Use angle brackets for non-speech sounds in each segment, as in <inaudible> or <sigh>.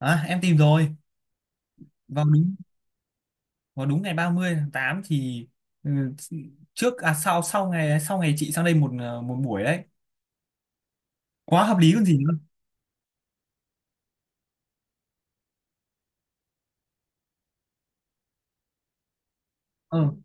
À, em tìm rồi. Vào đúng vào đúng ngày 30 tháng 8 thì, ừ, trước à sau, sau ngày chị sang đây một buổi đấy. Quá hợp lý còn gì nữa. Ừ.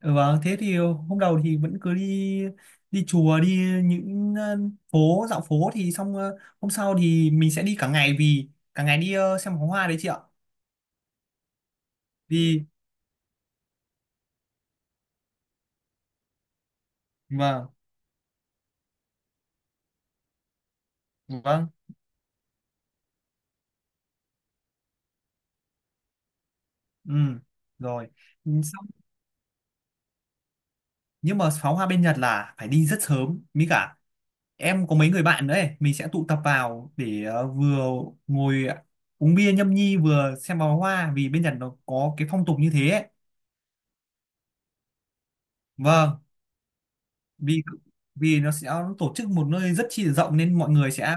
Ừ, vâng, thế thì hôm đầu thì vẫn cứ đi, đi chùa, những ờ, dạo phố thì xong. Ờ, Hôm sau thì mình sẽ đi cả ngày, vì cả ngày đi xem pháo hoa đấy chị ạ. Đi. Vâng. Vâng. Ừ. Rồi. Ừ, xong. Nhưng mà pháo hoa bên Nhật là phải đi rất sớm, mới cả em có mấy người bạn nữa ấy, mình sẽ tụ tập vào để vừa ngồi uống bia nhâm nhi, vừa xem pháo hoa, vì bên Nhật nó có cái phong tục như thế ấy. Vâng, vì vì nó sẽ tổ chức một nơi rất chi là rộng nên mọi người sẽ...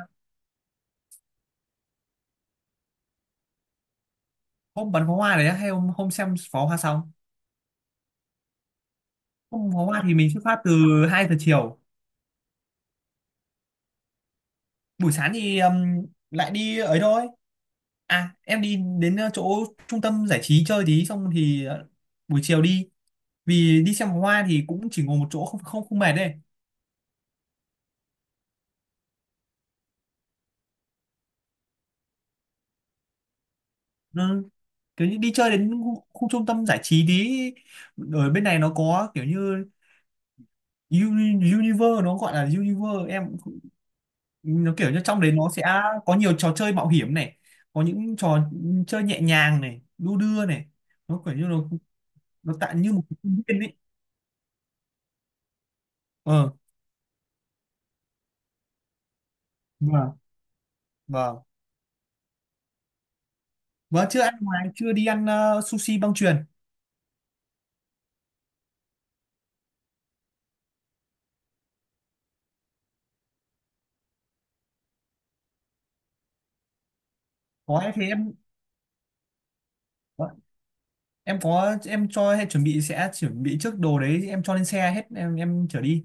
Hôm bắn pháo hoa đấy hay hôm hôm xem pháo hoa xong? Hôm pháo hoa thì mình xuất phát từ 2 giờ chiều. Buổi sáng thì lại đi ấy thôi. À, em đi đến chỗ trung tâm giải trí chơi tí, xong thì buổi chiều đi, vì đi xem pháo hoa thì cũng chỉ ngồi một chỗ, không không không mệt đấy. Ừ, kiểu như đi chơi đến khu trung tâm giải trí tí, ở bên này nó có kiểu như Univer, nó gọi là Univer, em cũng không... Nó kiểu như trong đấy nó sẽ có nhiều trò chơi mạo hiểm này, có những trò chơi nhẹ nhàng này, đu đưa này, nó kiểu như nó tạo như một cái công viên ấy. ờ vâng. Vâng. Vâng, chưa ăn ngoài, chưa đi ăn sushi băng chuyền. Có ấy, thế em có, em cho hay chuẩn bị, sẽ chuẩn bị trước đồ đấy, em cho lên xe hết, em chở đi.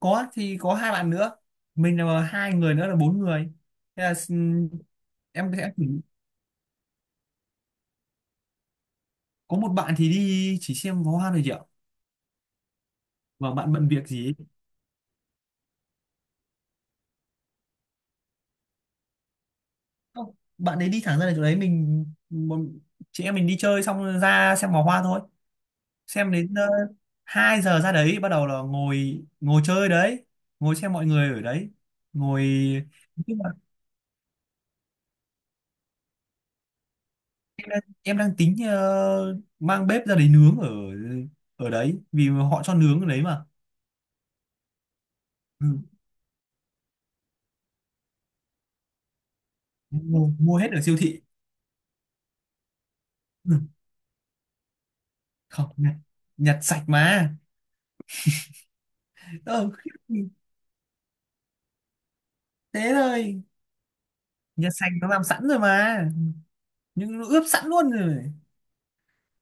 Có thì có hai bạn nữa, mình là hai người nữa là bốn người. Thế là s- em sẽ thử- có một bạn thì đi chỉ xem pháo hoa thôi chị ạ, và bạn bận việc gì ấy. Không, bạn ấy đi thẳng ra là chỗ đấy, chị em mình đi chơi xong ra xem pháo hoa thôi. Xem đến 2 giờ ra đấy, bắt đầu là ngồi ngồi chơi đấy, ngồi xem mọi người ở đấy, ngồi. Nhưng mà em đang tính mang bếp ra đấy nướng ở ở đấy, vì họ cho nướng ở đấy mà. Ừ. Mua hết ở siêu thị. Ừ, không, nhặt sạch mà. Ờ, Khiếp, thế thôi. Nhặt sạch, nó làm sẵn rồi mà, nhưng nó ướp sẵn luôn rồi.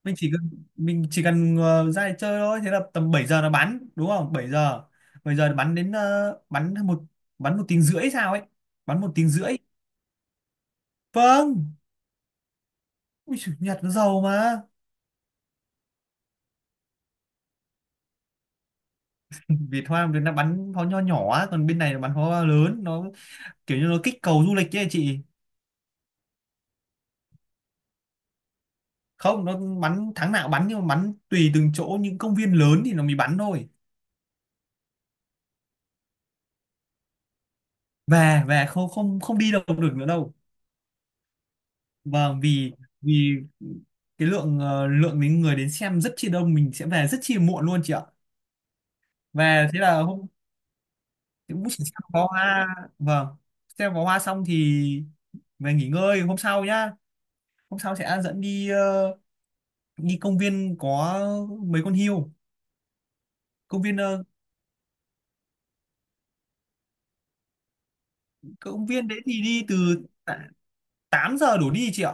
Mình chỉ cần mình chỉ cần ra để chơi thôi, thế là tầm 7 giờ nó bắn, đúng không? Bảy giờ nó bắn đến bắn một tiếng rưỡi sao ấy, bắn 1 tiếng rưỡi. Vâng. Ui giời, nhặt nó giàu mà. Việt Hoa bên nó bắn pháo nho nhỏ á, còn bên này nó bắn pháo hoa lớn, nó kiểu như nó kích cầu du lịch ấy chị. Không, nó bắn tháng nào bắn, nhưng mà bắn tùy từng chỗ, những công viên lớn thì nó mới bắn thôi. Về về, không không không đi đâu được nữa đâu. Vâng, vì vì cái lượng đến người đến xem rất chi đông, mình sẽ về rất chi muộn luôn chị ạ. Về, thế là hôm... Cũng chỉ xem pháo hoa. Vâng. Xem pháo hoa xong thì về nghỉ ngơi, hôm sau nhá. Hôm sau sẽ dẫn đi đi công viên có mấy con hươu. Công viên ờ, công viên đấy thì đi từ tạ- 8 giờ đổ đi chị ạ.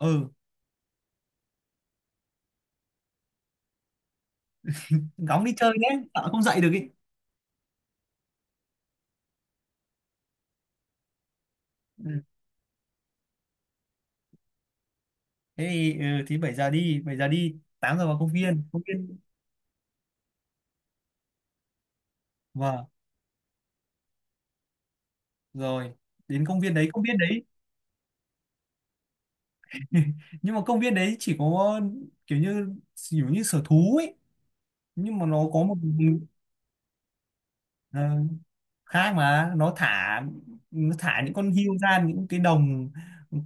Ừ. Cõng đi chơi nhé, sợ không dậy được ý. Ừ. Thế thì 7 giờ đi, 7 giờ đi 8 giờ vào công viên Vâng. Rồi. Đến công viên đấy. <laughs> Nhưng mà công viên đấy chỉ có kiểu như kiểu như sở thú ấy, nhưng mà nó có một... ờ, Khác, mà nó thả những con hươu ra những cái đồng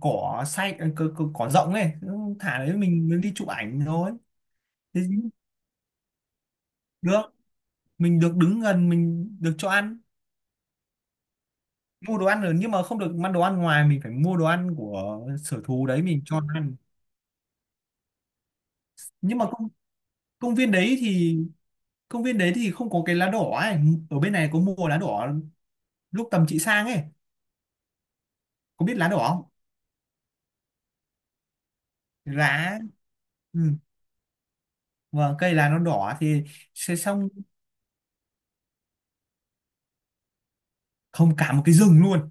cỏ xay, cỏ rộng ấy. Nó thả đấy, mình đi chụp ảnh rồi. Thế được, mình được đứng gần, mình được cho ăn. Mua đồ ăn rồi, nhưng mà không được ăn đồ ăn ngoài, mình phải mua đồ ăn của sở thú đấy mình cho nó ăn. Nhưng mà công viên đấy thì công viên đấy thì không có cái lá đỏ ấy. Ở bên này có mua lá đỏ lúc tầm chị sang ấy. Có biết lá đỏ không? Lá. Ừ. Và cây lá nó đỏ thì sẽ xong... Không, cả một cái rừng luôn.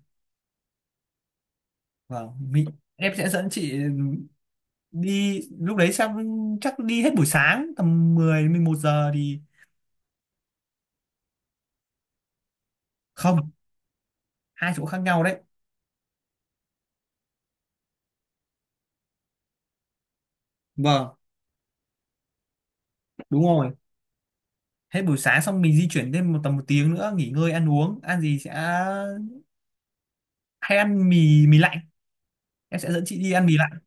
Vâng, em sẽ dẫn chị đi lúc đấy, xong chắc đi hết buổi sáng, tầm 10, 11 giờ thì... Không, hai chỗ khác nhau đấy. Vâng. Đúng rồi. Hết buổi sáng xong mình di chuyển thêm tầm 1 tiếng nữa, nghỉ ngơi ăn uống, ăn gì sẽ... Hay ăn mì mì lạnh, em sẽ dẫn chị đi ăn mì lạnh.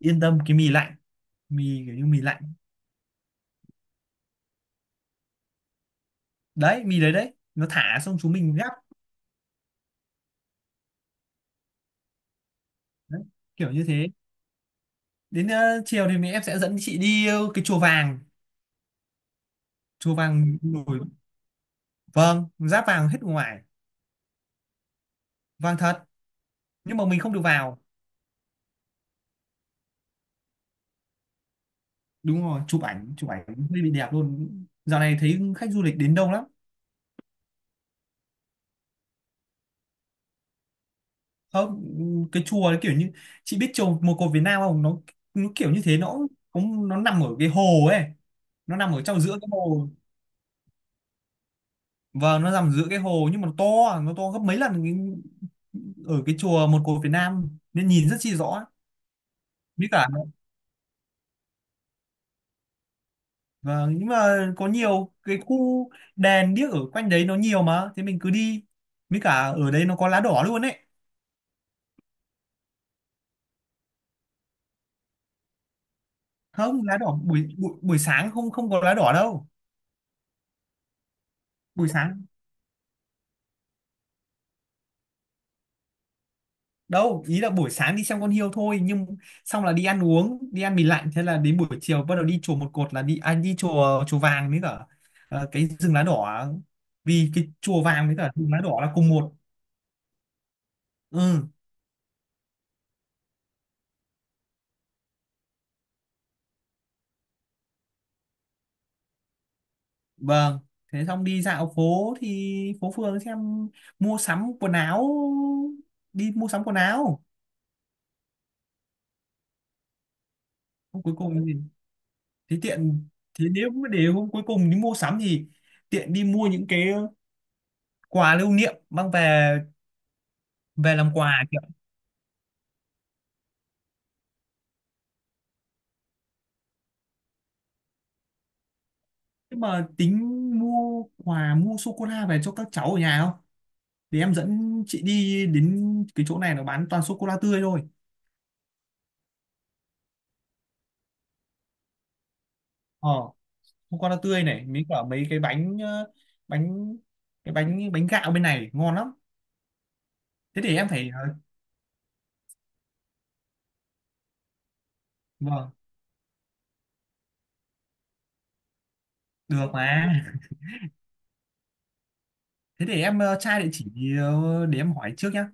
Yên tâm, cái mì lạnh, mì kiểu như mì lạnh đấy, mì đấy đấy nó thả xong chúng mình gắp. Đấy, kiểu như thế. Đến chiều thì em sẽ dẫn chị đi cái chùa vàng. Chùa vàng nổi. Vâng, giáp vàng hết ngoài. Vàng thật. Nhưng mà mình không được vào. Đúng rồi, chụp ảnh hơi bị đẹp luôn. Dạo này thấy khách du lịch đến đông lắm. Không, cái chùa đấy kiểu như, chị biết chùa Một Cột Việt Nam không? Nó kiểu như thế, nó cũng nằm ở cái hồ ấy. Nó nằm ở trong giữa cái hồ. Và nó nằm giữa cái hồ, nhưng mà nó to gấp mấy lần ở cái chùa Một Cột Việt Nam nên nhìn rất chi rõ. Với cả, và, nhưng mà, có nhiều cái khu đèn điếc ở quanh đấy nó nhiều mà, thế mình cứ đi, với cả ở đấy nó có lá đỏ luôn ấy. Không, lá đỏ buổi buổi, buổi sáng không không có lá đỏ đâu. Buổi sáng. Đâu, ý là buổi sáng đi xem con hươu thôi, nhưng xong là đi ăn uống, đi ăn mì lạnh, thế là đến buổi chiều bắt đầu đi chùa một cột, là đi, à, đi chùa chùa vàng với cả cái rừng lá đỏ. Vì cái chùa vàng với cả rừng lá đỏ là cùng một... Ừ. Vâng. Thế xong đi dạo phố thì phố phường xem, mua sắm quần áo, đi mua sắm quần áo. Hôm cuối cùng thì, tiện. Thế nếu mà để hôm cuối cùng đi mua sắm thì tiện đi mua những cái quà lưu niệm mang về. Về làm quà. Nhưng mà tính mua quà, mua sô cô la về cho các cháu ở nhà không? Thì em dẫn chị đi đến cái chỗ này, nó bán toàn sô cô la tươi thôi. Ờ, sô cô la tươi này, mấy cả mấy cái bánh, bánh, cái bánh bánh gạo bên này ngon lắm. Thế để em phải, vâng, được mà. Thế để em tra địa chỉ. Để em hỏi trước nhá.